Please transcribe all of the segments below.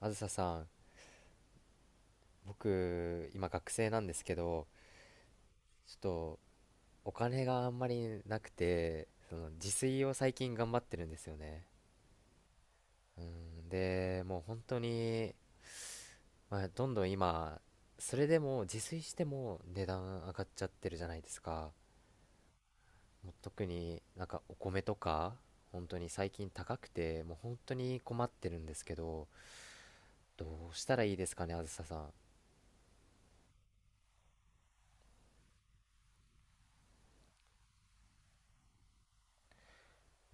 あずささん、僕、今学生なんですけど、ちょっとお金があんまりなくて、その自炊を最近頑張ってるんですよね。うん、で、もう本当に、まあ、どんどん今、それでも自炊しても値段上がっちゃってるじゃないですか。もう特になんかお米とか、本当に最近高くて、もう本当に困ってるんですけど、どうしたらいいですかね、あずささん。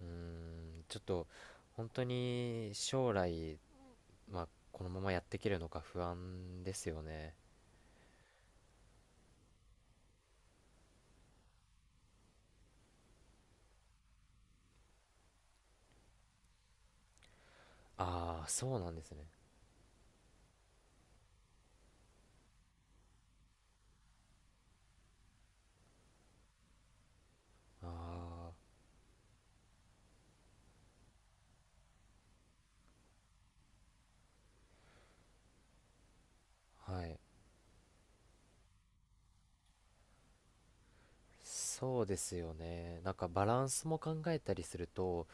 うーちょっと本当に将来、まあ、このままやっていけるのか不安ですよね。ああ、そうなんですね。ああ、はい。そうですよね。なんかバランスも考えたりすると、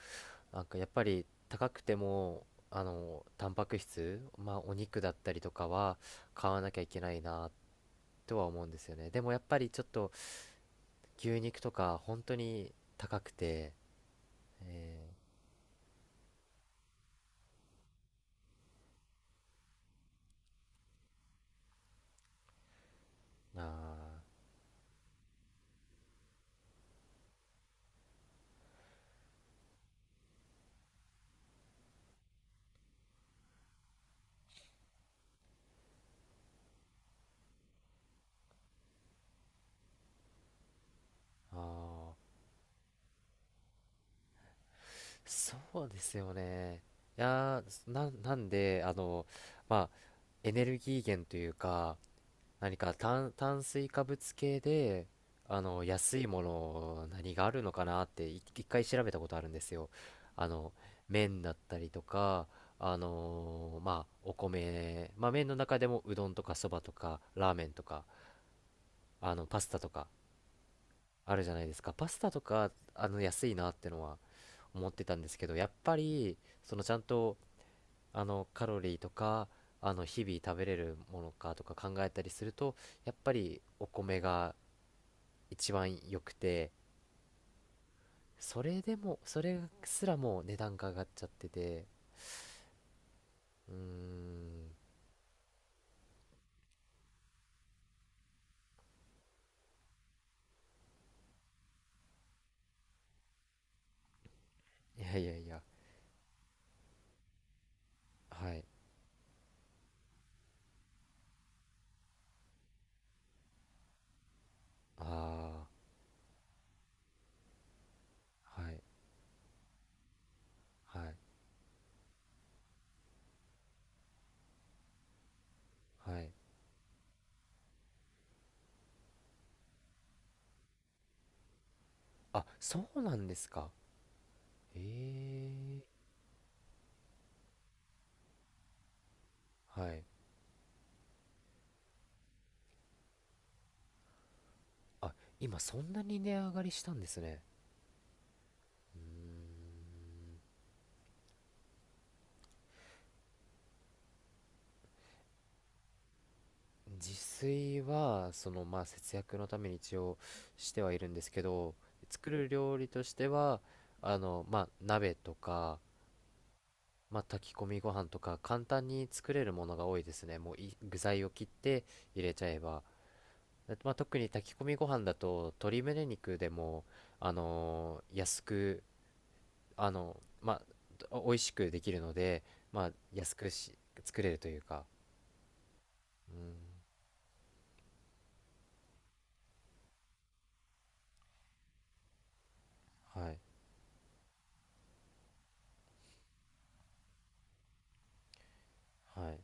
なんかやっぱり高くても、タンパク質、まあお肉だったりとかは買わなきゃいけないなとは思うんですよね。でもやっぱりちょっと牛肉とか本当に高くて、えあーあー、そうですよね。いやー、なんで、まあ、エネルギー源というか、何か炭水化物系で、安いもの、何があるのかなって一回調べたことあるんですよ。あの、麺だったりとか、まあ、お米、まあ、麺の中でもうどんとかそばとか、ラーメンとか、パスタとか、あるじゃないですか。パスタとか、安いなってのは思ってたんですけど、やっぱり、ちゃんと、カロリーとか日々食べれるものかとか考えたりすると、やっぱりお米が一番良くて、それでもそれすらもう値段が上がっちゃってて、うーん。いやいやいや、はい。ああー、はいはいはい。あ、そうなんですか。ええー、はい。あ、今そんなに値上がりしたんですね。うーん。自炊はまあ節約のために一応してはいるんですけど、作る料理としては、まあ鍋とか、まあ、炊き込みご飯とか簡単に作れるものが多いですね。もう具材を切って入れちゃえば、まあ、特に炊き込みご飯だと鶏胸肉でも安く、まあお美味しくできるので、まあ安く作れるというか。うん、はい。はい。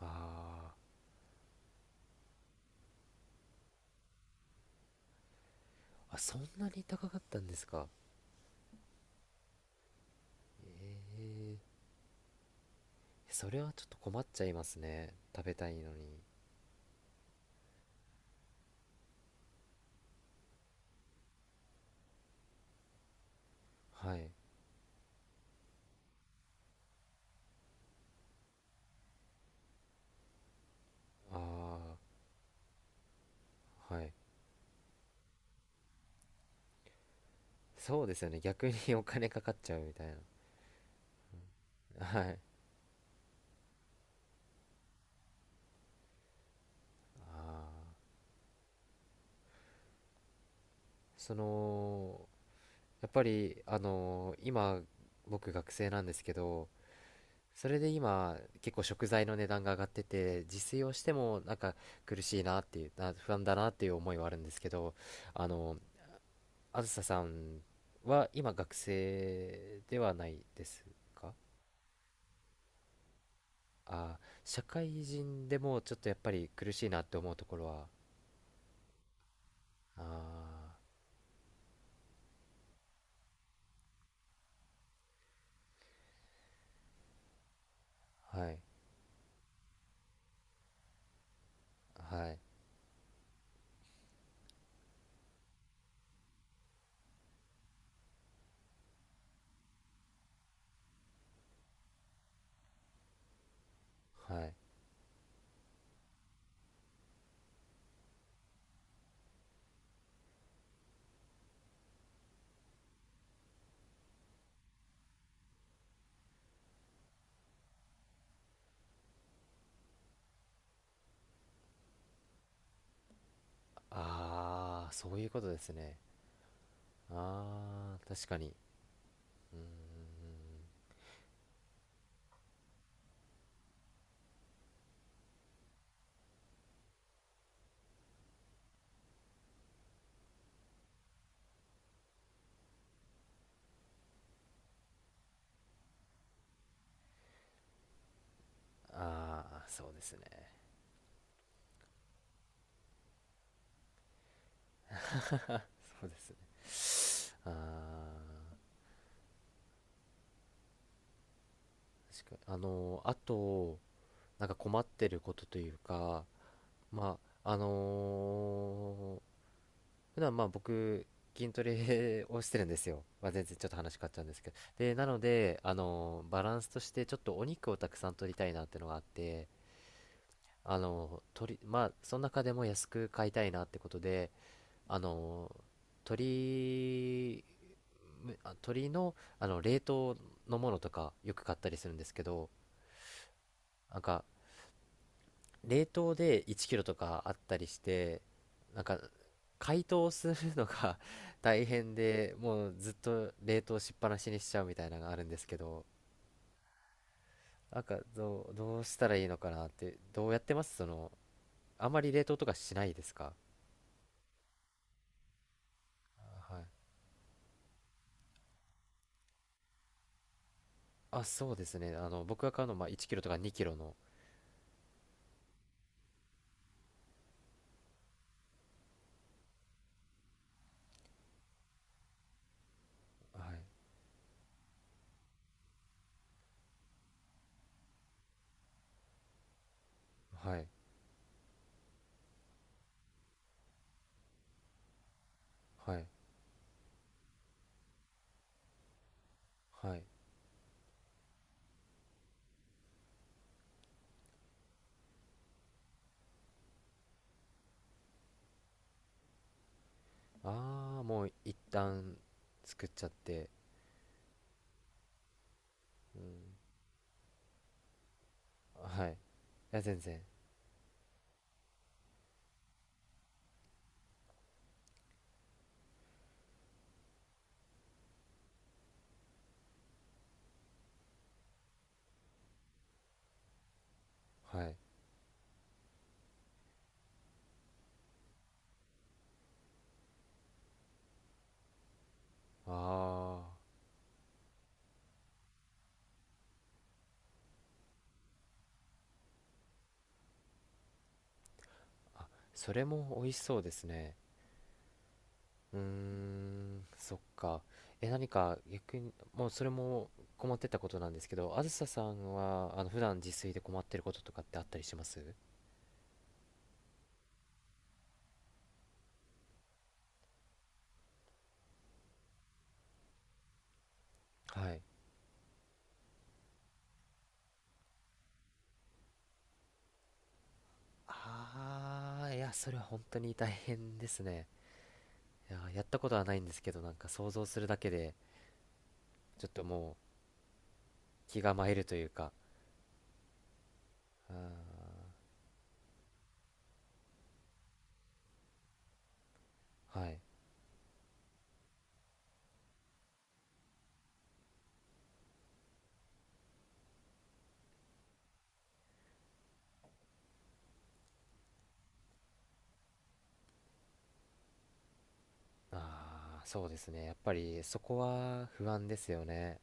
ああー、あ、そんなに高かったんですか。えー、それはちょっと困っちゃいますね、食べたいのに。はい。ああ、はい。そうですよね、逆に お金かかっちゃうみたいな。はい。ああ、そのやっぱり今僕学生なんですけど、それで今結構食材の値段が上がってて自炊をしてもなんか苦しいなっていう、不安だなっていう思いはあるんですけど、あのあずささんは今学生ではないですか？あー、社会人でもちょっとやっぱり苦しいなって思うところは、ああ、はい、はい、はい。ああ、そういうことですね。ああ、確かに。うーん。ああ、そうですね。そうですね。ああ、確かに。あと、なんか困ってることというか、まあ、普段まあ僕筋トレをしてるんですよ。まあ、全然ちょっと話変わっちゃうんですけど、でなので、バランスとしてちょっとお肉をたくさん取りたいなってのがあって、あの取りまあその中でも安く買いたいなってことで、あの鶏鶏の、冷凍のものとかよく買ったりするんですけど、なんか冷凍で1キロとかあったりして、なんか解凍するのが 大変で、もうずっと冷凍しっぱなしにしちゃうみたいなのがあるんですけど、なんかどうしたらいいのかなって、どうやってますあまり冷凍とかしないですか？はい。あ、そうですね。僕が買うのはまあ1キロとか2キロの。はい。はい。はい。はい。ああ、もう一旦作っちゃって。うん。はい。いや、全然。はい。ああ。あ、それも美味しそうですね。うーん、そっか。え、何か逆に、もうそれも困ってたことなんですけど、あずささんは、普段自炊で困ってることとかってあったりします？はい。ああ、いや、それは本当に大変ですね。いや、やったことはないんですけど、なんか想像するだけで、ちょっともう気が参るというか、うん、はい。ああ、そうですね。やっぱりそこは不安ですよね。